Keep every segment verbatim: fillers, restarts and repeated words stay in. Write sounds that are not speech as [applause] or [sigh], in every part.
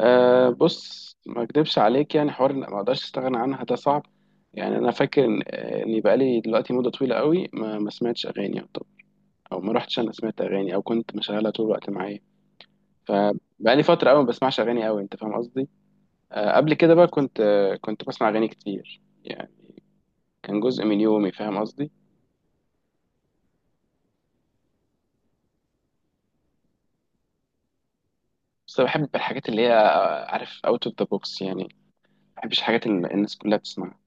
أه بص، ما اكدبش عليك. يعني حوار إن- ما اقدرش استغنى عنها، ده صعب. يعني انا فاكر ان آه، اني بقالي دلوقتي مده طويله قوي ما, ما سمعتش اغاني، او أو ما رحتش انا سمعت اغاني او كنت مشغلها طول الوقت معايا. فبقالي فتره قوي ما بسمعش اغاني قوي، انت فاهم قصدي. أه قبل كده بقى كنت أه كنت بسمع اغاني كتير، يعني كان جزء من يومي، فاهم قصدي. بس أنا بحب الحاجات اللي هي، عارف، اوت اوف ذا بوكس، يعني ما بحبش الحاجات اللي الناس كلها بتسمعها.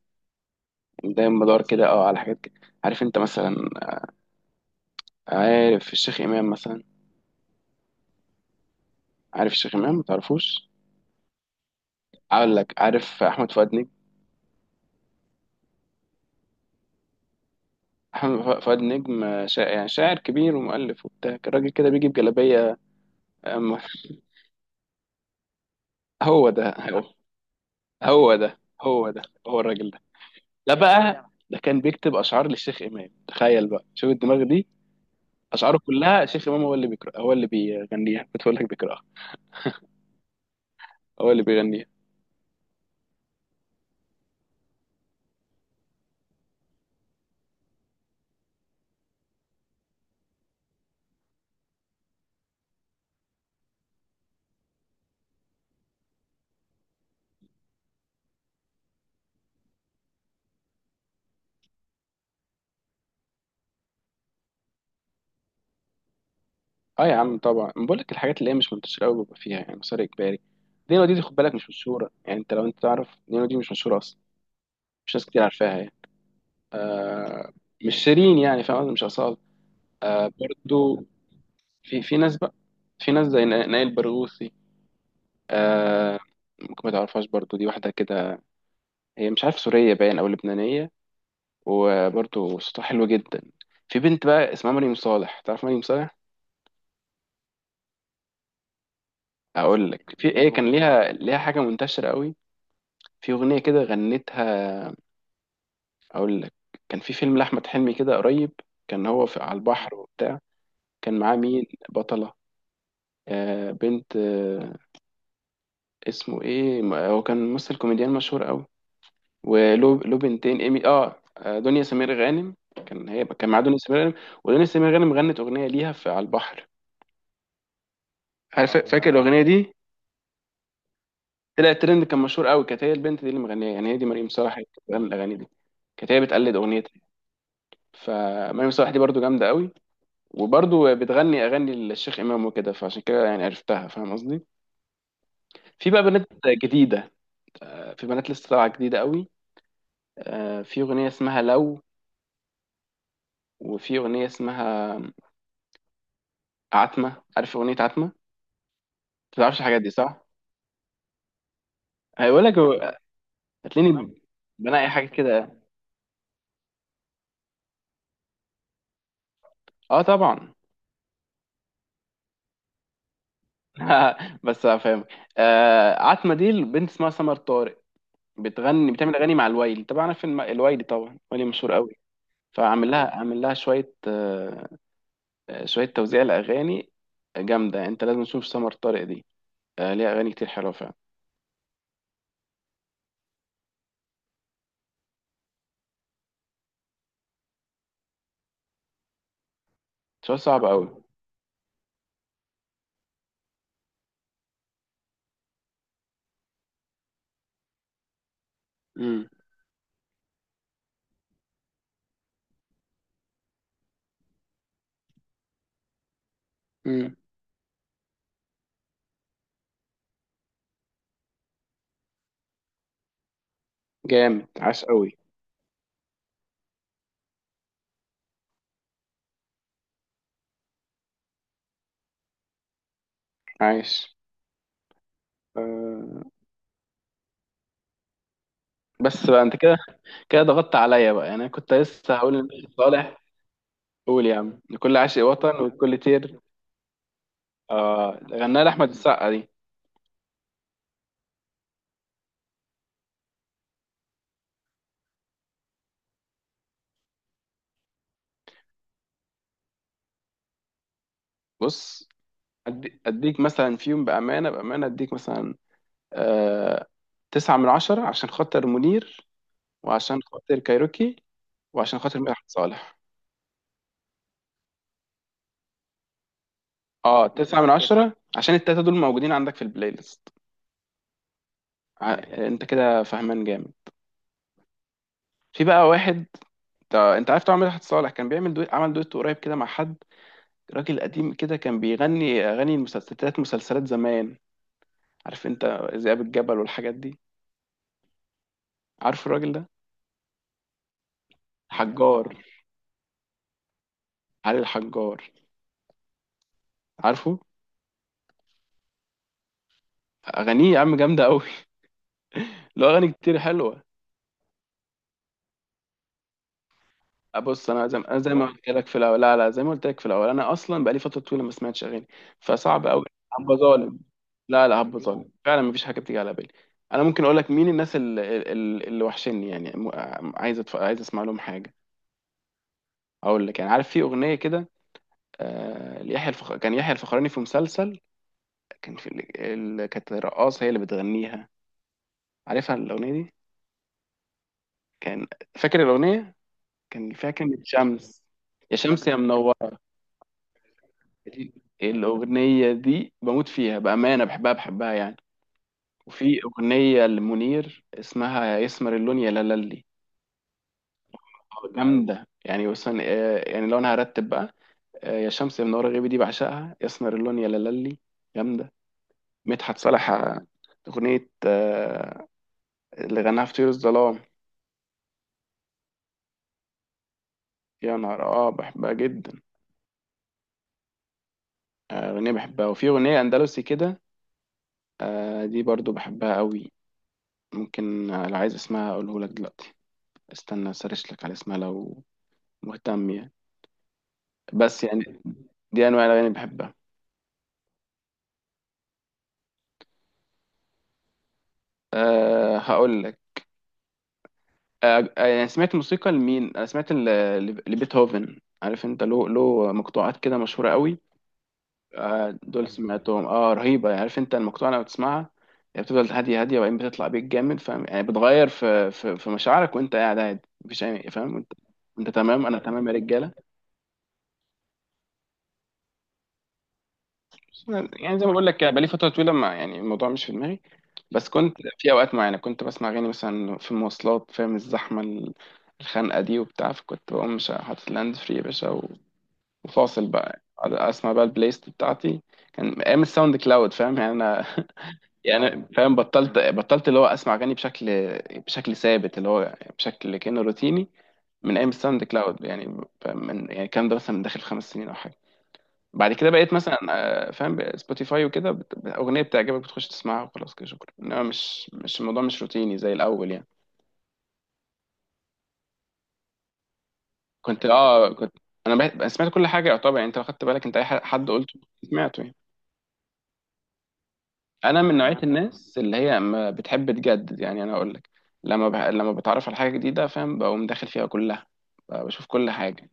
يعني دايما بدور كده اه على حاجات ك- عارف انت مثلا، آه، عارف الشيخ امام مثلا؟ عارف الشيخ إمام، ما تعرفوش؟ أقول لك، عارف أحمد فؤاد نجم؟ أحمد ف- فؤاد نجم، آه، شاعر، يعني شاعر كبير ومؤلف وبتاع. الراجل كده بيجي بجلابية أما، هو ده هو, هو ده هو ده، هو الراجل ده. لا بقى، ده كان بيكتب أشعار للشيخ إمام، تخيل بقى، شوف الدماغ دي. أشعاره كلها الشيخ إمام هو اللي بيقرأ، هو اللي بيغنيها، بتقول لك بيقرأها، هو اللي بيغنيها. اه يا عم طبعا، أنا بقول لك الحاجات اللي هي مش منتشرة قوي، بيبقى فيها يعني مسار إجباري. دينا دي خد بالك مش مشهورة، يعني انت لو انت تعرف دينا دي مش مشهورة أصلا، مش ناس كتير عارفاها يعني. آه مش شيرين، يعني فاهم قصدي؟ مش أصالة، آه برضو. في في ناس بقى، في ناس زي نا- نائل برغوثي، آه ممكن ما تعرفهاش برضو، دي واحدة كده، هي مش عارف، سورية باين أو لبنانية، وبرضو صوتها حلو جدا. في بنت بقى اسمها مريم صالح، تعرف مريم صالح؟ أقول لك في إيه، كان ليها ليها حاجة منتشرة قوي، في أغنية كده غنتها. أقول لك، كان في فيلم لأحمد حلمي كده قريب، كان هو في على البحر وبتاع، كان معاه مين بطلة، آه بنت، اسمه ايه، ما- هو كان ممثل كوميديان مشهور قوي، وله له بنتين، ايمي، اه آه، دنيا سمير غانم، كان هي كان معاه دنيا سمير غانم، ودنيا سمير غانم غنت اغنيه ليها في على البحر. عارف فاكر الاغنيه؟ اه الاغنيه دي طلعت ترند، كان مشهور قوي، كانت هي البنت دي اللي مغنيها يعني، هي دي مريم صالح اللي كانت بتغني الاغاني دي، كانت هي بتقلد اغنيتها. فمريم صالح دي برضو جامده قوي، وبرضو بتغني اغاني للشيخ امام وكده، فعشان كده يعني عرفتها، فاهم قصدي. في بقى بنات جديده، آه، في بنات لسه طالعه جديده قوي، آه، في اغنيه اسمها لو، وفي أغنية اسمها عتمة، عارف أغنية عتمة؟ ما تعرفش الحاجات دي صح؟ هيقول لك هو- هتلاقيني بنقي حاجة كده. اه طبعا. [laughs] بس هفهمك. آه عتمة دي البنت اسمها سمر طارق، بتغني بتعمل أغاني مع الوايلي، طبعا عارف الم- الوايلي طبعا، وايلي مشهور قوي. فعامل لها، عامل لها شوية آه آه، شوية توزيع لأغاني جامدة، انت لازم تشوف سمر طارق دي، آه ليها أغاني كتير حلوة فعلا. شوية صعبة قوي. امم. امم. جامد عاش قوي. عاش. آه بس بقى، انت كده كده ضغطت عليا بقى، يعني انا كنت لسه هقول لمدحت صالح. قول يا عم، لكل عاشق وطن ولكل طير. آه غناها لاحمد السقا دي. بص، أدي اديك مثلا في يوم بامانه، بامانه اديك مثلا، آه تسعة من عشرة عشان خاطر منير، وعشان خاطر كايروكي، وعشان خاطر مدحت صالح. اه تسعة من عشرة عشان التلاتة دول موجودين عندك في البلاي ليست. ع- انت كده فهمان جامد. في بقى واحد، تا- انت عارف طبعا مدحت صالح كان بيعمل دويت عمل دويت قريب كده مع حد، راجل قديم كده كان بيغني اغاني المسلسلات، مسلسلات زمان، عارف انت، ذئاب الجبل والحاجات دي. عارف الراجل ده، حجار، علي الحجار، عارفه. اغانيه يا عم جامده قوي. [laughs] له اغاني كتير حلوه. أه بص، انا زي ما انا زي ما قلت لك في الاول، لا لا، زي ما قلت لك في الاول، انا اصلا بقالي فتره طويله ما سمعتش اغاني، فصعب قوي. هبقى ظالم. لا لا، هبقى ظالم فعلا، مفيش حاجه بتيجي على بالي. انا ممكن اقول لك مين الناس اللي, اللي وحشني يعني، م- عايز أتف... عايز اسمع لهم حاجه. اقول لك، يعني عارف في اغنيه كده، آه، يحيى الفخ... كان يحيى الفخراني في مسلسل، كان في ال... ال... كانت رقاصة هي اللي بتغنيها، عارفها الأغنية دي؟ كان فاكر الأغنية؟ كان فيها كلمة شمس، يا شمس يا منورة. دي- الأغنية دي بموت فيها بأمانة، بحبها بحبها يعني. وفي أغنية لمنير اسمها يا يسمر اللون يا لالي، جامدة. يعني مثلا، آه، يعني لو أنا هرتب بقى، آه، يا شمس يا منورة غيبي دي بعشقها، يسمر اللون يا لالي جامدة، مدحت صالح، آه، أغنية، آه، اللي غناها في طيور الظلام، يا نهار، اه بحبها جدا. آه أغنية بحبها. وفي أغنية أندلسي كده، آه دي برضو بحبها قوي. ممكن، آه، لو عايز اسمها أقوله لك دلوقتي، استنى سرش لك على اسمها لو مهتم، يعني بس يعني دي أنواع الأغاني اللي بحبها. آه هقول لك، آه آه، يعني سمعت موسيقى لمين؟ أنا سمعت ل- ل- لبيتهوفن، عارف أنت، له له مقطوعات كده مشهورة قوي، آه، دول سمعتهم، اه رهيبة يعني. عارف انت، المقطوعة لما بتسمعها يعني بتفضل هادية هادية، وبعدين بتطلع بيك جامد، فاهم يعني، بتغير في في, في مشاعرك وانت قاعد عادي، مفيش اي، فاهم انت. انت تمام، انا تمام يا رجالة. بس أنا- يعني زي ما بقول لك بقالي فترة طويلة، ما يعني الموضوع مش في دماغي. بس كنت في اوقات معينة كنت بسمع اغاني، مثلا في المواصلات، فاهم، الزحمة ال- الخنقة دي وبتاع، فكنت بقوم مش حاطط لاند فري يا باشا و- وفاصل بقى أقعد اسمع بقى البلاي ليست بتاعتي. كان ايام الساوند كلاود، فاهم يعني انا، يعني فاهم، بطلت بطلت اللي هو اسمع اغاني بشكل، بشكل ثابت، اللي هو بشكل كانه روتيني، من ايام الساوند كلاود، يعني فاهم؟ من، يعني الكلام ده مثلا من داخل خمس سنين او حاجه. بعد كده بقيت مثلا، آه، فاهم، سبوتيفاي وكده، بت- اغنيه بتعجبك بتخش تسمعها وخلاص كده شكرا، انما مش، مش الموضوع مش روتيني زي الاول يعني. كنت اه كنت انا بقيت- سمعت كل حاجه يعتبر، يعني انت لو خدت بالك، انت اي ح- حد قلته سمعته يعني. انا من نوعيه الناس اللي هي ما بتحب تجدد، يعني انا اقول لك، لما بح... لما بتعرف على حاجه جديده، فاهم، بقوم داخل فيها كلها، بقى بشوف كل حاجه،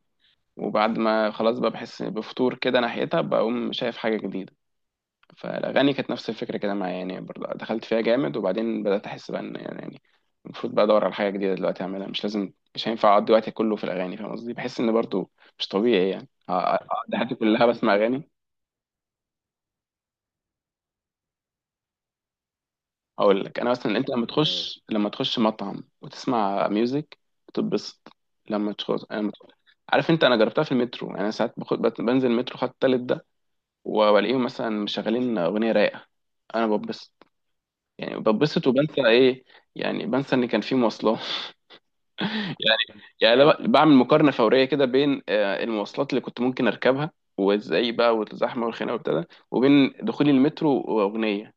وبعد ما خلاص بقى بحس بفتور كده ناحيتها، بقوم شايف حاجه جديده. فالاغاني كانت نفس الفكره كده معايا يعني، برضه دخلت فيها جامد، وبعدين بدات احس بقى ان، يعني يعني المفروض بقى ادور على حاجه جديده دلوقتي اعملها، مش لازم، مش هينفع اقضي وقتي كله في الاغاني، فاهم قصدي، بحس ان برضه مش طبيعي يعني أ- أ- اقضي حياتي كلها بسمع اغاني. هقول لك، انا مثلا انت لما مم. تخش لما تخش مطعم وتسمع ميوزك بتتبسط. لما تخش أنا... عارف انت، انا جربتها في المترو، يعني انا ساعات باخد بت- بنزل المترو خط التالت ده، والاقيهم مثلا مشغلين اغنيه رايقه، انا ببسط. يعني ببسط وبنسى ايه، يعني بنسى ان كان في مواصلات. [laughs] يعني يعني أنا ب- بعمل مقارنه فوريه كده بين، آه، المواصلات اللي كنت ممكن اركبها وازاي بقى والزحمه والخناقه وابتدى، وبين دخولي المترو واغنيه،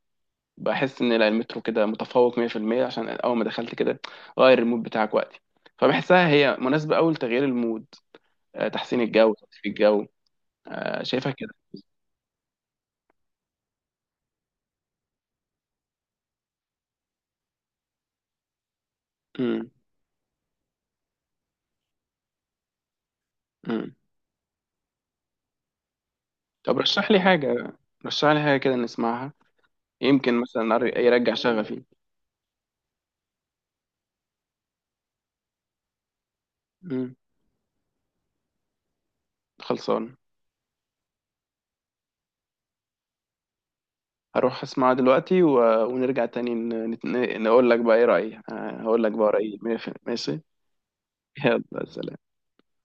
بحس ان لا، المترو كده متفوق مية في المية عشان اول ما دخلت كده غير المود بتاعك وقتي، فبحسها هي مناسبة أوي لتغيير المود، آه، تحسين الجو، تطفي الجو، آه، شايفها كده. مم. مم. طب رشح لي حاجة، رشح لي حاجة كده نسمعها، يمكن مثلا أر- يرجع شغفي. مم. خلصان. هروح اسمعها دلوقتي و... ونرجع تاني، ن... نت- نقول لك بقى ايه رأيي، آه، هقول لك بقى رأيي. ماشي ماشي؟ يلا سلام.